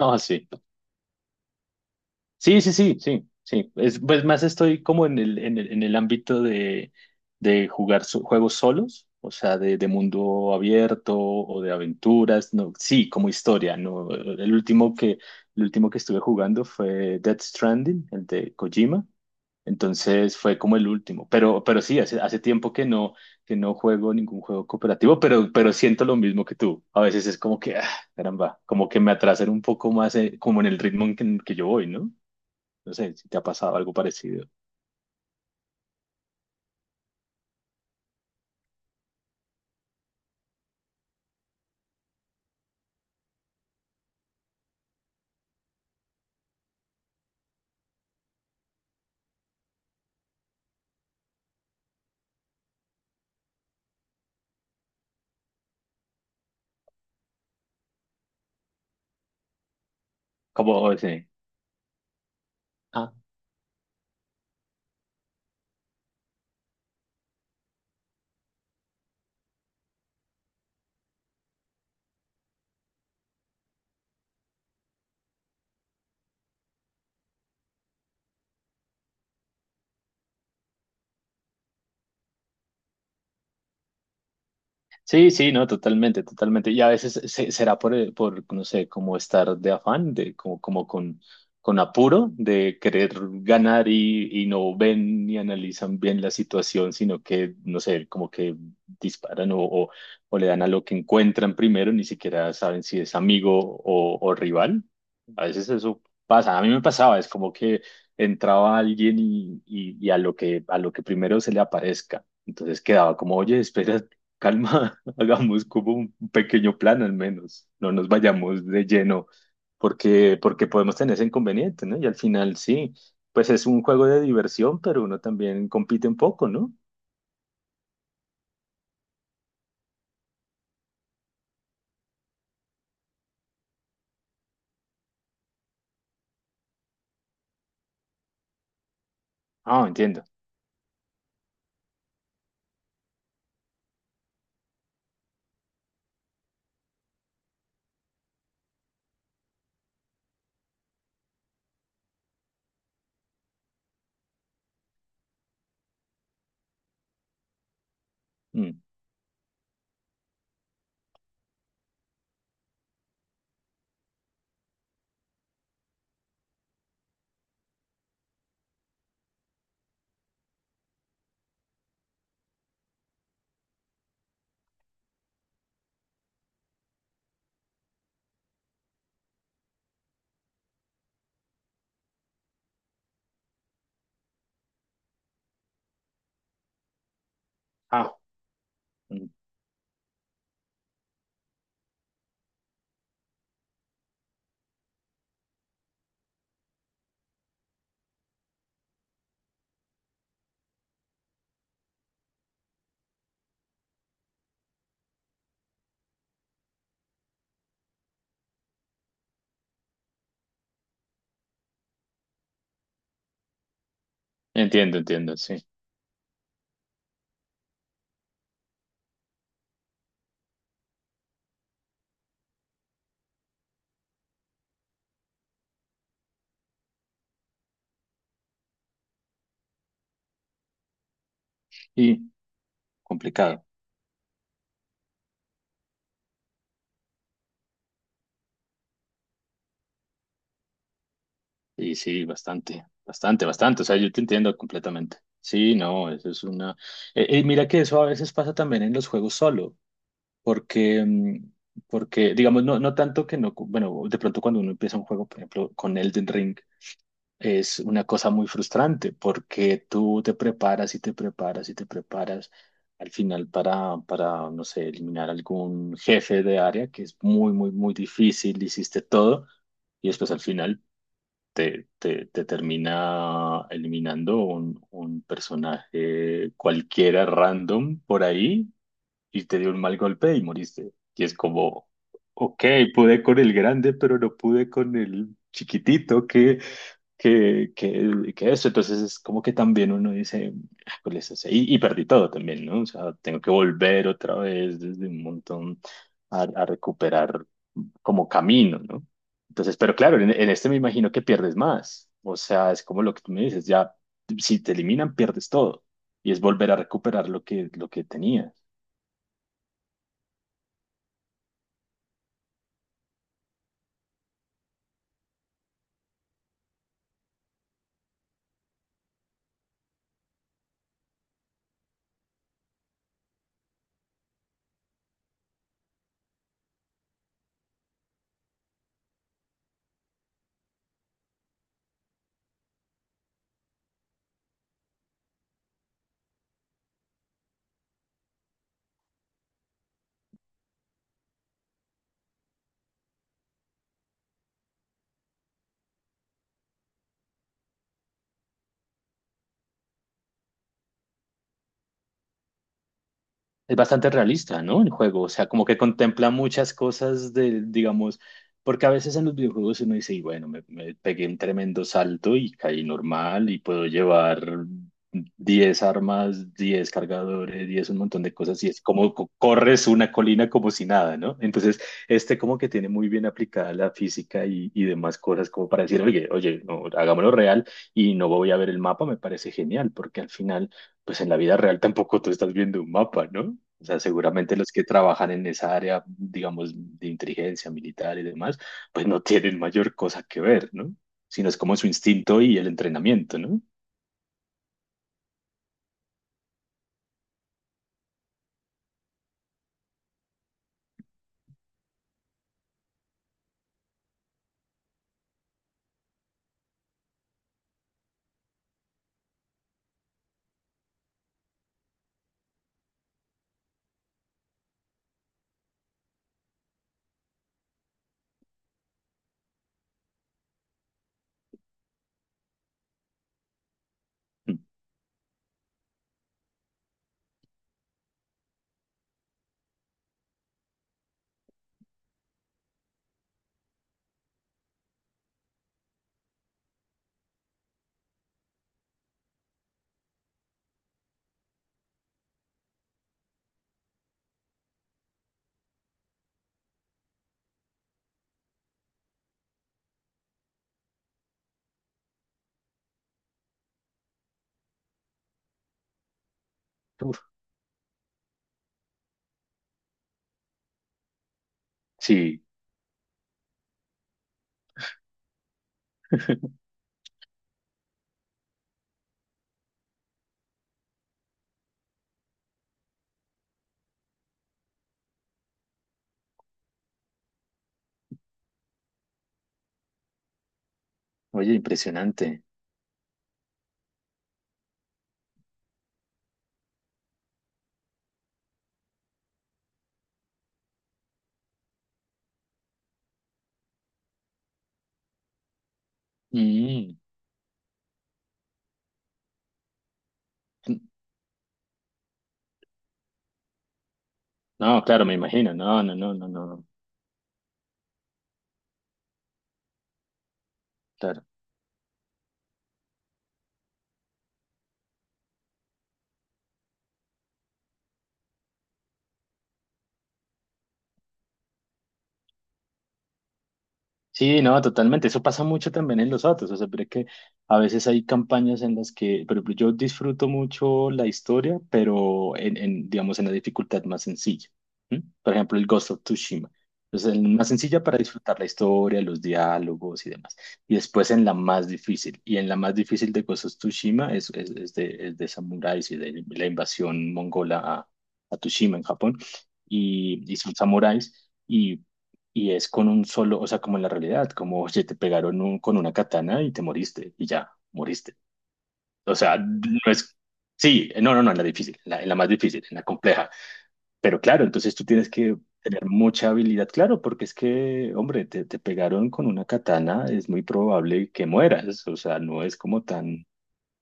No, sí. Sí, sí, sí, sí, sí. Es, pues más estoy como en el ámbito de jugar juegos solos, o sea, de mundo abierto o de aventuras. No, sí, como historia, ¿no? El último que estuve jugando fue Death Stranding, el de Kojima. Entonces fue como el último, pero sí, hace tiempo que no juego ningún juego cooperativo, pero siento lo mismo que tú. A veces es como que, ah, caramba, como que me atrasan un poco más, como en el ritmo en que yo voy, ¿no? No sé si te ha pasado algo parecido. Como, sí. Sí, sí, no, totalmente, totalmente. Y a veces será por, no sé, como estar de afán, de como, como con apuro, de querer ganar y no ven ni analizan bien la situación, sino que, no sé, como que disparan o le dan a lo que encuentran primero, ni siquiera saben si es amigo o rival. A veces eso pasa. A mí me pasaba, es como que entraba alguien y a lo que primero se le aparezca. Entonces quedaba como, oye, espera calma, hagamos como un pequeño plan al menos, no nos vayamos de lleno, porque podemos tener ese inconveniente, ¿no? Y al final sí, pues es un juego de diversión, pero uno también compite un poco, ¿no? Ah, entiendo. Mm. Ah, mm, entiendo, entiendo, sí. Y complicado. Y sí, bastante, bastante, bastante. O sea, yo te entiendo completamente. Sí, no, eso es una... mira que eso a veces pasa también en los juegos solo. Porque, mm, porque digamos, no, no tanto que no, bueno, de pronto cuando uno empieza un juego, por ejemplo, con Elden Ring, es una cosa muy frustrante porque tú te preparas y te preparas y te preparas al final para, no sé, eliminar algún jefe de área que es muy, muy, muy difícil, hiciste todo y después al final te termina eliminando un personaje cualquiera random por ahí y te dio un mal golpe y moriste. Y es como, ok, pude con el grande, pero no pude con el chiquitito, que eso. Entonces es como que también uno dice, "Ah, ¿cuál es ese?". Y perdí todo también, ¿no? O sea, tengo que volver otra vez desde un montón a recuperar como camino, ¿no? Entonces, pero claro, en este me imagino que pierdes más. O sea, es como lo que tú me dices, ya, si te eliminan, pierdes todo. Y es volver a recuperar lo que tenías. Es bastante realista, ¿no? El juego, o sea, como que contempla muchas cosas de, digamos, porque a veces en los videojuegos uno dice, y bueno, me pegué un tremendo salto y caí normal y puedo llevar 10 armas, 10 cargadores, 10 un montón de cosas y es como corres una colina como si nada, ¿no? Entonces, este como que tiene muy bien aplicada la física y demás cosas como para decir, oye, oye, no, hagámoslo real y no voy a ver el mapa, me parece genial, porque al final pues en la vida real tampoco tú estás viendo un mapa, ¿no? O sea, seguramente los que trabajan en esa área, digamos, de inteligencia militar y demás, pues no tienen mayor cosa que ver, ¿no? Sino es como su instinto y el entrenamiento, ¿no? Mm. Uf, sí, oye, impresionante. Mm. No, claro, me imagino. No, no, no, no, no, no. Claro. Sí, no, totalmente. Eso pasa mucho también en los autos. O sea, pero es que a veces hay campañas en las que, por ejemplo, yo disfruto mucho la historia, pero digamos, en la dificultad más sencilla. ¿M? Por ejemplo, el Ghost of Tsushima. Entonces, en más sencilla para disfrutar la historia, los diálogos y demás. Y después en la más difícil. Y en la más difícil de Ghost of Tsushima es de samuráis y de la invasión mongola a Tsushima en Japón. Y son samuráis. Y es con un solo, o sea, como en la realidad, como, oye, te pegaron con una katana y te moriste, y ya, moriste. O sea, no es, sí, no, no, no, en la difícil, en la más difícil, en la compleja. Pero claro, entonces tú tienes que tener mucha habilidad, claro, porque es que, hombre, te pegaron con una katana, es muy probable que mueras, o sea, no es como tan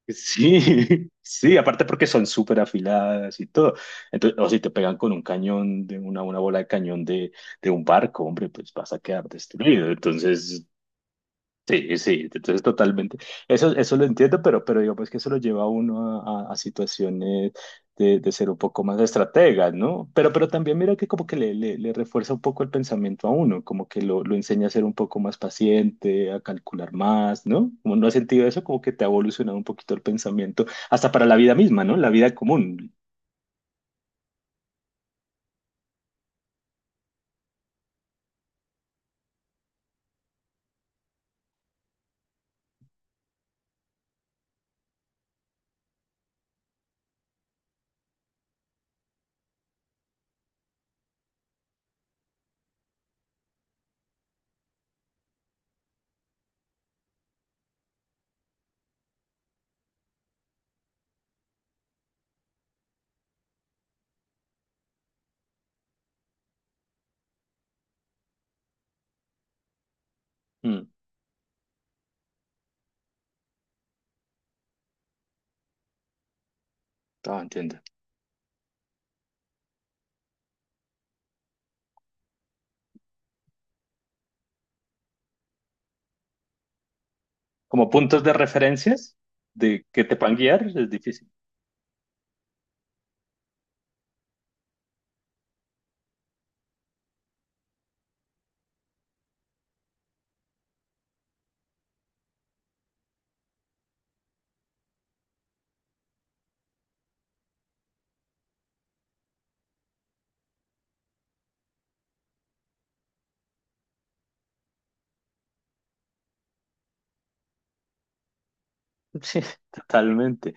sí, sí, aparte porque son súper afiladas y todo. Entonces, o si te pegan con un cañón, de una bola de cañón de un barco, hombre, pues vas a quedar destruido. Entonces, sí, sí, entonces totalmente. Eso lo entiendo, pero digamos que eso lo lleva a uno a situaciones de ser un poco más estratega, ¿no? Pero también mira que como que le refuerza un poco el pensamiento a uno, como que lo enseña a ser un poco más paciente, a calcular más, ¿no? Como no has sentido eso, como que te ha evolucionado un poquito el pensamiento, hasta para la vida misma, ¿no? La vida común. Mm, ah, entiendo. Como puntos de referencias de que te puedan guiar, es difícil. Sí, totalmente.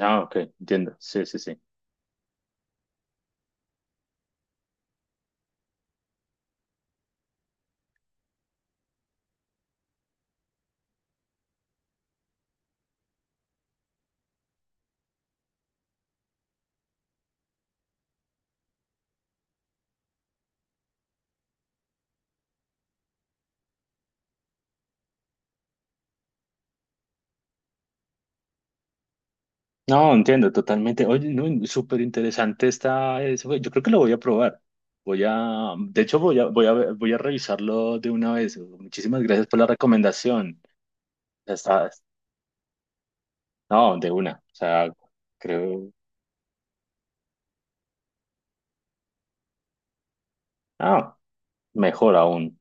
Ah, ok, entiendo. Sí, sí, sí. No, entiendo totalmente. Oye, no, súper interesante está eso. Yo creo que lo voy a probar. Voy a, de hecho, voy a revisarlo de una vez. Muchísimas gracias por la recomendación. Ya está, no, de una. O sea, creo, ah, mejor aún.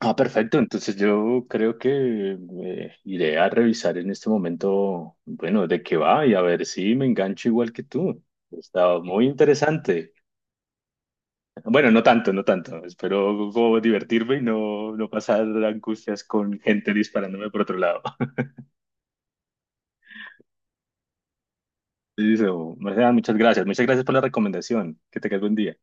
Ah, perfecto. Entonces yo creo que iré a revisar en este momento, bueno, de qué va y a ver si me engancho igual que tú. Está muy interesante. Bueno, no tanto, no tanto. Espero como divertirme y no, no pasar angustias con gente disparándome por otro lado. Listo. Marcela, muchas gracias. Muchas gracias por la recomendación. Que tengas buen día.